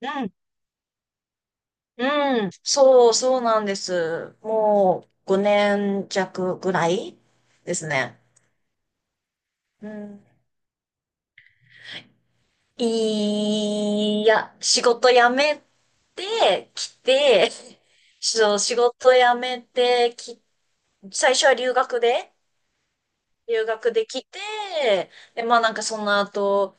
うん、うん、そう、そうなんです。もう5年弱ぐらいですね。うん、いや、仕事辞めてきて、そう仕事辞めてき、最初は留学できて、で、まあなんかその後、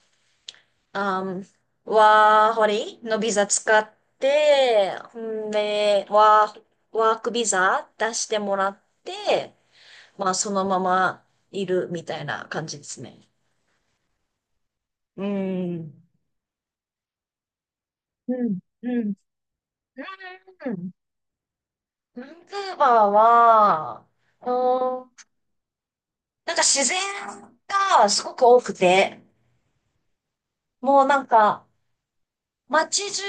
あん、ワーホリのビザ使って、んで、ワークビザ出してもらって、まあ、そのままいるみたいな感じですね。うん。うん。うん。うん。バンクーバーは、うーん、なんか自然がすごく多くて、もうなんか、街中、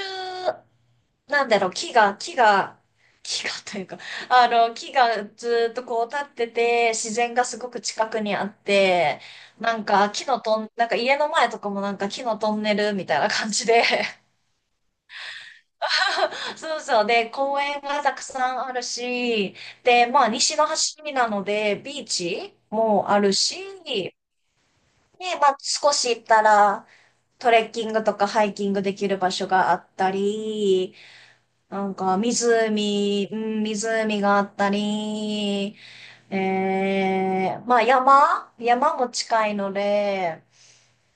なんだろう、木がというか、木がずっとこう立ってて、自然がすごく近くにあって、なんか木のトン、なんか家の前とかもなんか木のトンネルみたいな感じで、そうそう。で、公園がたくさんあるし、で、まあ、西の端なので、ビーチもあるし、で、まあ、少し行ったら、トレッキングとかハイキングできる場所があったり、なんか、湖、うん、湖があったり、まあ、山も近いので、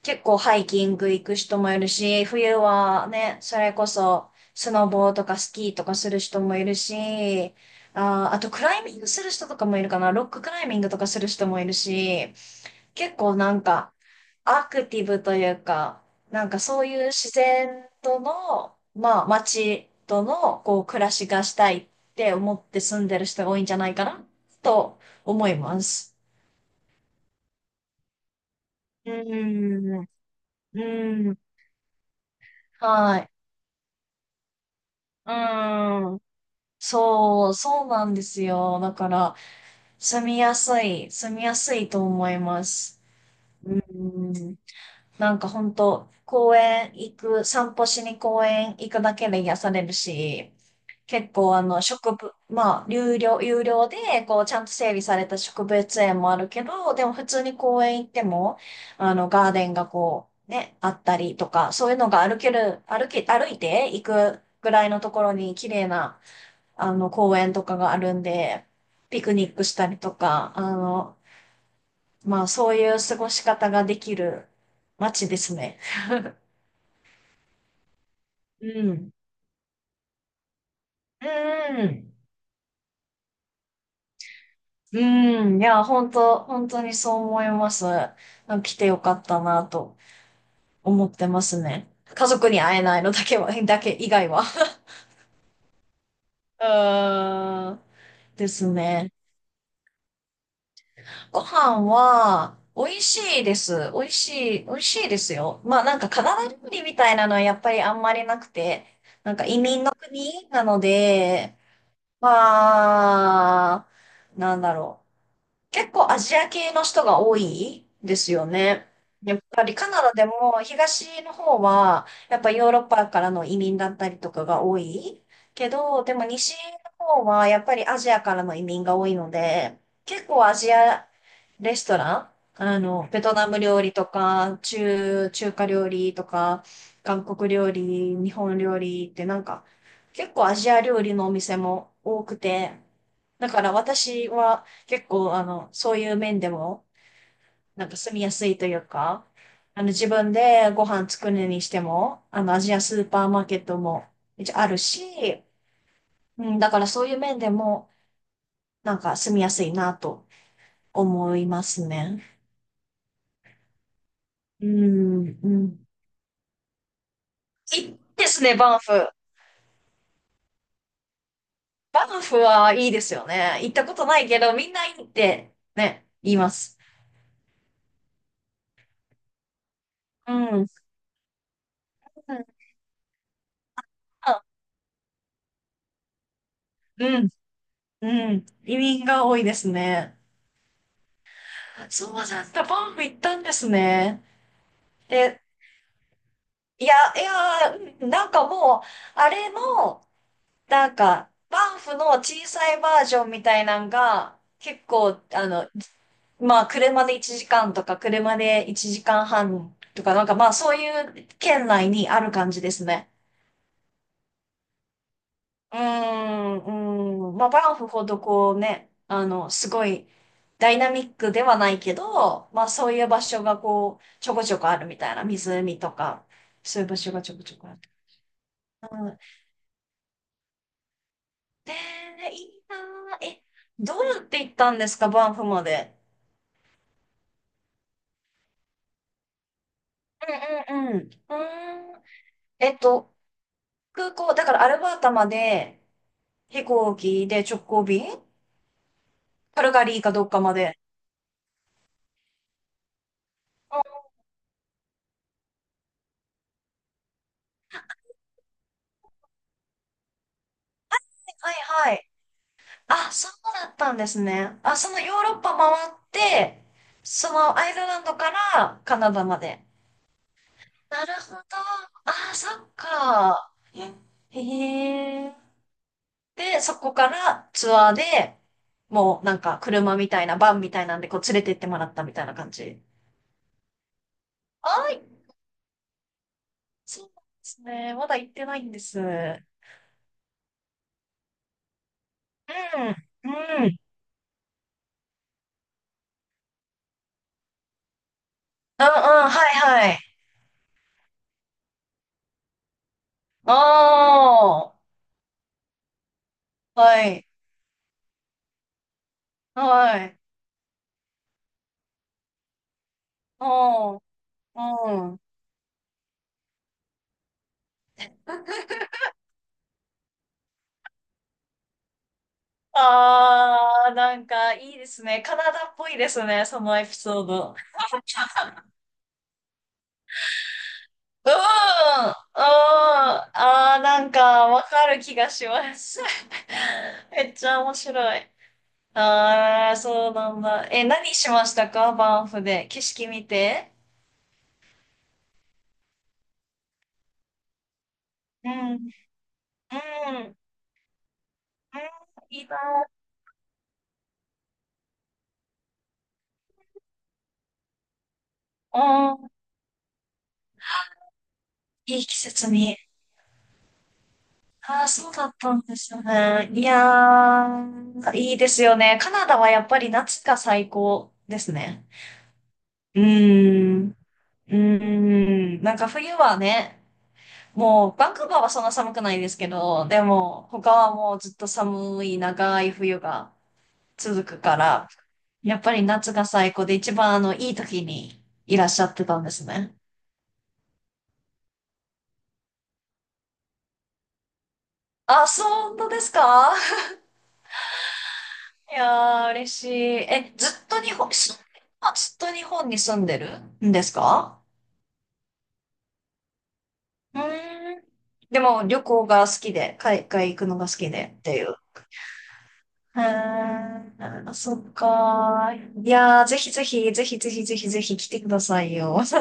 結構ハイキング行く人もいるし、冬はね、それこそスノボーとかスキーとかする人もいるし、あとクライミングする人とかもいるかな、ロッククライミングとかする人もいるし、結構なんかアクティブというか、なんかそういう自然との、まあ街とのこう暮らしがしたいって思って住んでる人が多いんじゃないかなと思います。うーん。うーん。はい。うーん。そう、そうなんですよ。だから、住みやすいと思います。うん。なんか本当公園行く、散歩しに公園行くだけで癒されるし、結構あのまあ、有料で、こう、ちゃんと整備された植物園もあるけど、でも普通に公園行っても、あの、ガーデンがこう、ね、あったりとか、そういうのが歩ける、歩け、歩いて行くぐらいのところに綺麗な公園とかがあるんで、ピクニックしたりとか、まあ、そういう過ごし方ができる街ですね。うん。うん。うん。いや、本当本当にそう思います。来てよかったなと思ってますね。家族に会えないのだけは、だけ以外は。うーん。ですね。ご飯は、美味しいです。美味しいですよ。まあなんかカナダ料理みたいなのはやっぱりあんまりなくて、なんか移民の国なので、まあ、なんだろう。結構アジア系の人が多いですよね。やっぱりカナダでも東の方はやっぱヨーロッパからの移民だったりとかが多いけど、でも西の方はやっぱりアジアからの移民が多いので、結構アジアレストラン、あの、ベトナム料理とか、中華料理とか、韓国料理、日本料理ってなんか結構アジア料理のお店も多くて、だから私は結構、あの、そういう面でも、なんか住みやすいというか、あの、自分でご飯作るにしても、あの、アジアスーパーマーケットも一応あるし、うん、だからそういう面でも、なんか住みやすいなと思いますね。うん、うん。いいですね、バンフ。バンフはいいですよね。行ったことないけど、みんないいってね、言います。うん。うん、あ、うん、うん。移民が多いですね。そうなんだ、ったバンフ行ったんですね。で、いや、いや、うん、なんかもう、あれの、なんか、バンフの小さいバージョンみたいなんが、結構、あの、まあ、車で1時間とか、車で1時間半とか、なんかまあ、そういう県内にある感じですね。うーん、うん。まあ、バンフほどこうね、すごいダイナミックではないけど、まあそういう場所がこう、ちょこちょこあるみたいな、湖とか、そういう場所がちょこちょこある。うん。で、いいなぁ。え、どうやって行ったんですか、バンフまで？うんうんうん。うーん。えっと、空港、だからアルバータまで飛行機で直行便、カルガリーかどっかまで。うん、はい。あ、そうだったんですね。あ、そのヨーロッパ回って、そのアイルランドからカナダまで。なるほど。あ、そっか。へえ。で、そこからツアーで、もうなんか車みたいな、バンみたいなんでこう連れて行ってもらったみたいな感じ。はい。そうなんですね。まだ行ってないんです。うん。うん。うん。うんうんうんうん。はいはい。ああ。はい。はい。ああ。うん。あー、なんかいいですね。カナダっぽいですね、そのエピソード。うん、うん、あー、なんかわかる気がします。めっちゃ面白い。あー、そうなんだ。え、何しましたか、バンフで？景色見て。うん、うん、うん、いいな。うん、いい季節に。ああ、そうだったんですよね。いやー、いいですよね。カナダはやっぱり夏が最高ですね。うーん。うーん。なんか冬はね、もうバンクーバーはそんな寒くないですけど、でも他はもうずっと寒い長い冬が続くから、やっぱり夏が最高で一番いい時にいらっしゃってたんですね。あ、そうなんですか？いやー、嬉しい。え、ずっと日本、ずっと日本に住んでるんですか？うーん。でも旅行が好きで、海外行くのが好きでっていう。へえ、あ、そっか。いやー、ぜひぜひ、ぜひぜひぜひぜひ来てくださいよ。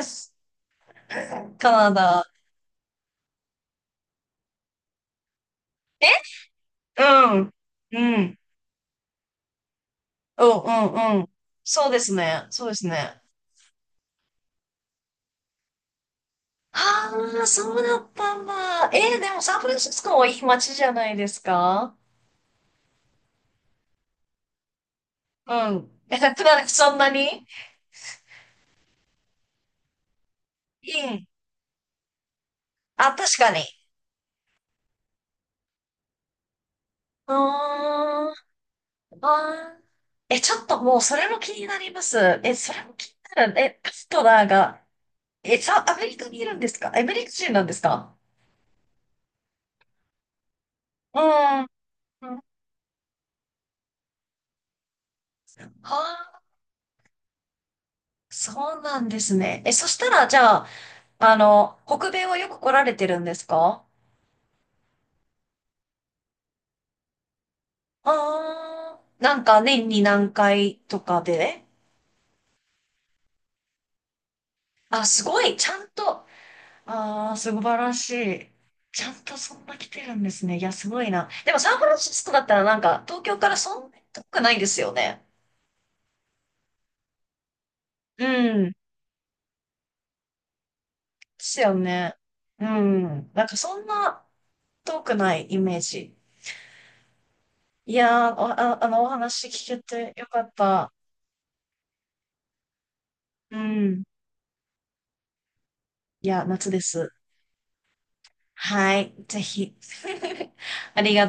カナダ。うん。うん。うん、うん、うん。そうですね。そうですね。ああ、そうだったんだ。でもサンフランシスコもいい街じゃないですか？うん。え、なんかそんなに。うん。あ、確かに。あー、あー。え、ちょっともうそれも気になります。え、それも気になる。え、カストナーが、え、じゃあ、アメリカにいるんですか？アメリカ人なんですか？うん。はあ、そうなんですね。え、そしたら、じゃあ、北米はよく来られてるんですか？ああー、なんか年に何回とかで？あ、すごい、ちゃんと、ああ、素晴らしい。ちゃんとそんな来てるんですね。いや、すごいな。でもサンフランシスコだったらなんか、東京からそんなに遠くないですよね。うん。ですよね。うん。なんかそんな遠くないイメージ。いやー、おあ、お話聞けてよかった。うん。いや、夏です。はい。ぜひ。ありがとう。